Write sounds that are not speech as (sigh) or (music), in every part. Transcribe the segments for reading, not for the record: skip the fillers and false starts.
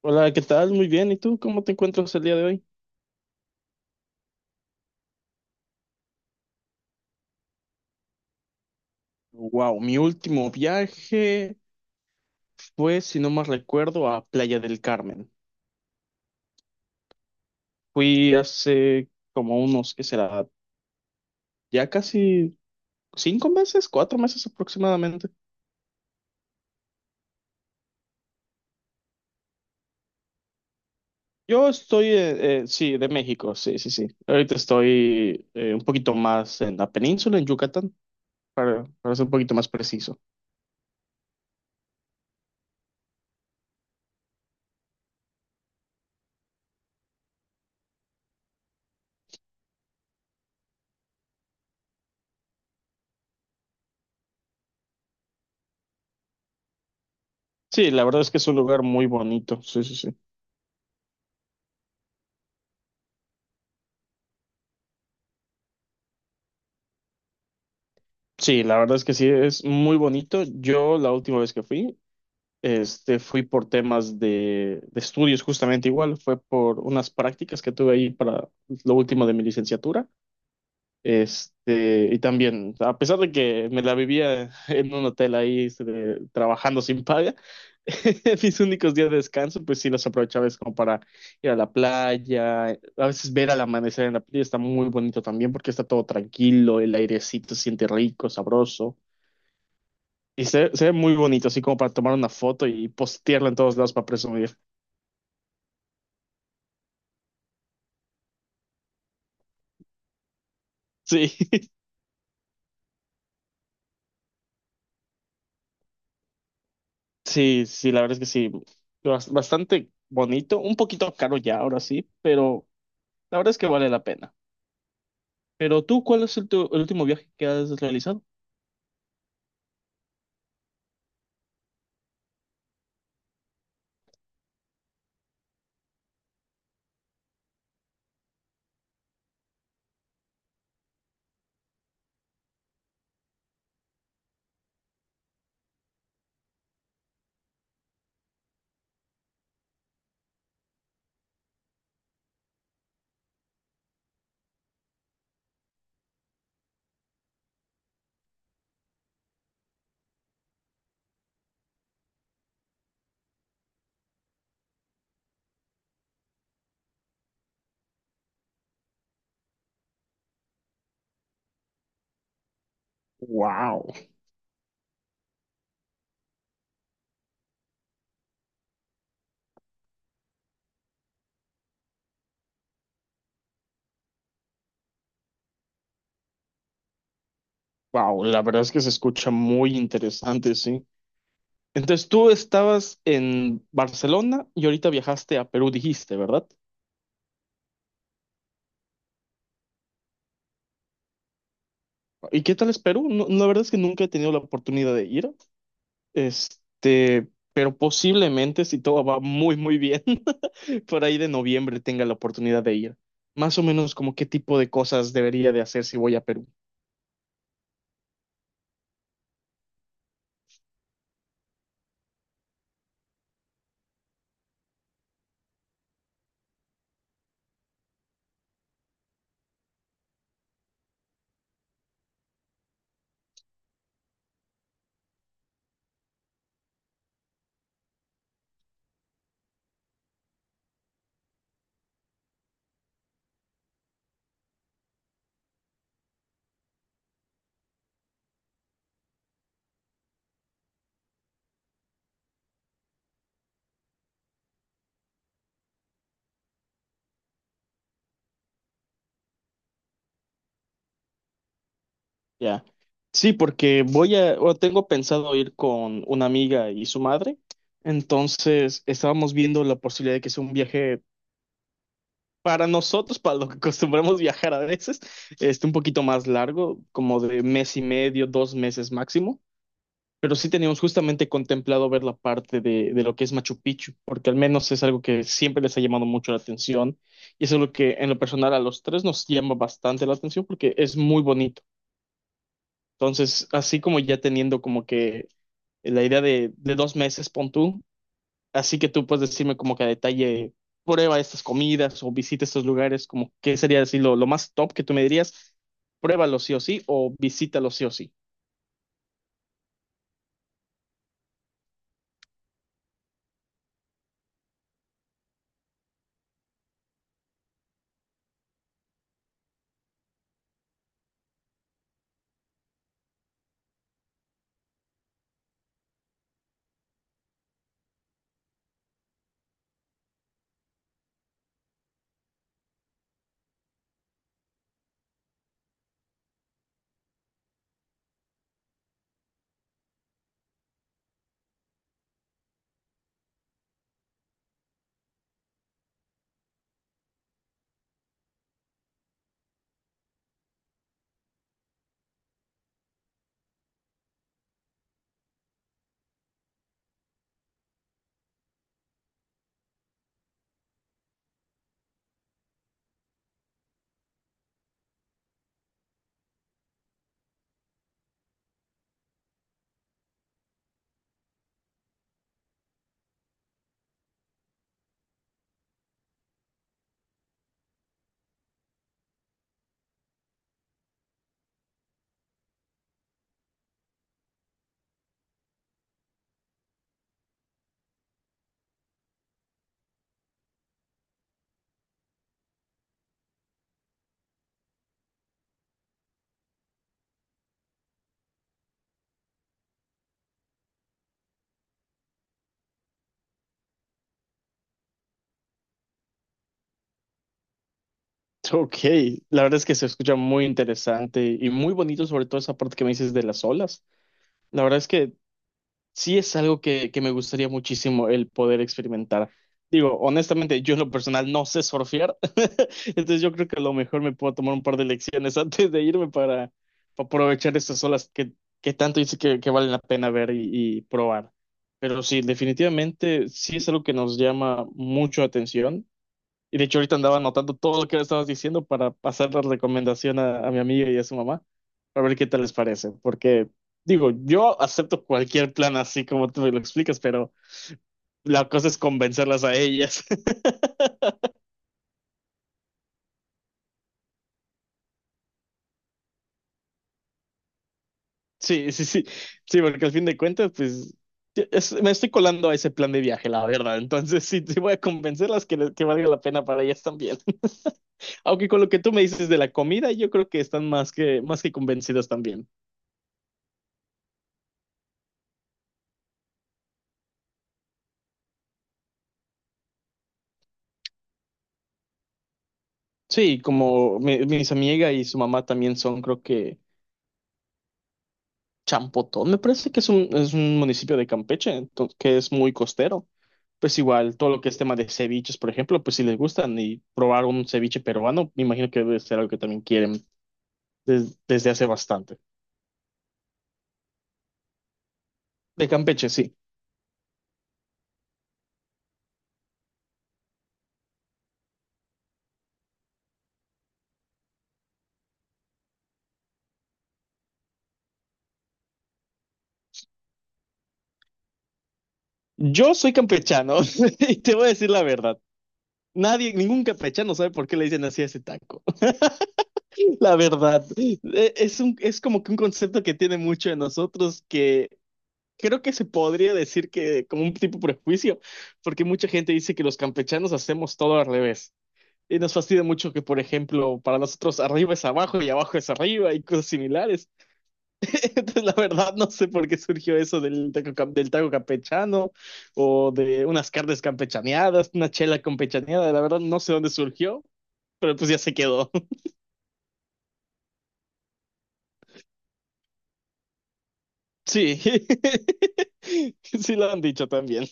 Hola, ¿qué tal? Muy bien. ¿Y tú cómo te encuentras el día de hoy? Wow, mi último viaje fue, si no más recuerdo, a Playa del Carmen. Fui hace como unos, ¿qué será? Ya casi 5 meses, 4 meses aproximadamente. Yo estoy, sí, de México, sí, sí, sí. Ahorita estoy un poquito más en la península, en Yucatán, para ser un poquito más preciso. Sí, la verdad es que es un lugar muy bonito, sí, sí, sí. Sí, la verdad es que sí, es muy bonito. Yo la última vez que fui por temas de estudios justamente igual, fue por unas prácticas que tuve ahí para lo último de mi licenciatura. Y también, a pesar de que me la vivía (laughs) en un hotel ahí trabajando sin paga, (laughs) mis únicos días de descanso, pues sí los aprovechaba es como para ir a la playa, a veces ver al amanecer en la playa está muy bonito también porque está todo tranquilo, el airecito se siente rico, sabroso. Y se ve muy bonito, así como para tomar una foto y postearla en todos lados para presumir. Sí, (laughs) sí, sí, la verdad es que sí. Bastante bonito, un poquito caro ya ahora sí, pero la verdad es que vale la pena. Pero tú, ¿cuál es el último viaje que has realizado? Wow, wow, la verdad es que se escucha muy interesante, sí. Entonces tú estabas en Barcelona y ahorita viajaste a Perú, dijiste, ¿verdad? ¿Y qué tal es Perú? No, la verdad es que nunca he tenido la oportunidad de ir. Este, pero posiblemente si todo va muy, muy bien, (laughs) por ahí de noviembre tenga la oportunidad de ir. Más o menos como qué tipo de cosas debería de hacer si voy a Perú. Ya. Sí, porque o tengo pensado ir con una amiga y su madre. Entonces, estábamos viendo la posibilidad de que sea un viaje para nosotros, para lo que acostumbramos viajar a veces, un poquito más largo, como de mes y medio, 2 meses máximo. Pero sí teníamos justamente contemplado ver la parte de lo que es Machu Picchu, porque al menos es algo que siempre les ha llamado mucho la atención y es algo que en lo personal a los tres nos llama bastante la atención porque es muy bonito. Entonces, así como ya teniendo como que la idea de 2 meses, pon tú, así que tú puedes decirme como que a detalle, prueba estas comidas o visita estos lugares, como qué sería decir lo más top que tú me dirías, pruébalo sí o sí o visítalo sí o sí. Ok, la verdad es que se escucha muy interesante y muy bonito, sobre todo esa parte que me dices de las olas. La verdad es que sí es algo que me gustaría muchísimo el poder experimentar. Digo, honestamente, yo en lo personal no sé surfear, (laughs) entonces yo creo que a lo mejor me puedo tomar un par de lecciones (laughs) antes de irme para aprovechar estas olas que tanto dice que valen la pena ver y probar. Pero sí, definitivamente sí es algo que nos llama mucho la atención. Y de hecho ahorita andaba anotando todo lo que me estabas diciendo para pasar la recomendación a mi amiga y a su mamá, para ver qué tal les parece. Porque, digo, yo acepto cualquier plan así como tú me lo explicas, pero la cosa es convencerlas a ellas. (laughs) Sí, sí, sí, sí, porque al fin de cuentas, pues, me estoy colando a ese plan de viaje, la verdad. Entonces, (laughs) sí, sí voy a convencerlas que valga la pena para ellas también. (laughs) Aunque con lo que tú me dices de la comida, yo creo que están más que convencidas también. Sí, como mis amiga y su mamá también son, creo que Champotón, me parece que es un municipio de Campeche, que es muy costero. Pues igual, todo lo que es tema de ceviches, por ejemplo, pues si les gustan y probar un ceviche peruano, me imagino que debe ser algo que también quieren desde hace bastante. De Campeche, sí. Yo soy campechano (laughs) y te voy a decir la verdad. Nadie, ningún campechano sabe por qué le dicen así a ese taco. (laughs) La verdad, es como que un concepto que tiene mucho de nosotros que creo que se podría decir que como un tipo prejuicio, porque mucha gente dice que los campechanos hacemos todo al revés. Y nos fastidia mucho que, por ejemplo, para nosotros arriba es abajo y abajo es arriba y cosas similares. (laughs) Entonces, la verdad, no sé por qué surgió eso del taco campechano o de unas carnes campechaneadas, una chela campechaneada. La verdad, no sé dónde surgió, pero pues ya se quedó. (laughs) Sí, (laughs) sí lo han dicho también.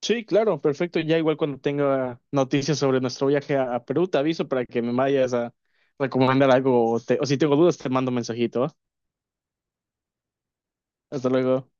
Sí, claro, perfecto. Ya igual cuando tenga noticias sobre nuestro viaje a Perú, te aviso para que me vayas a recomendar algo o si tengo dudas te mando un mensajito. ¿Va? Hasta luego.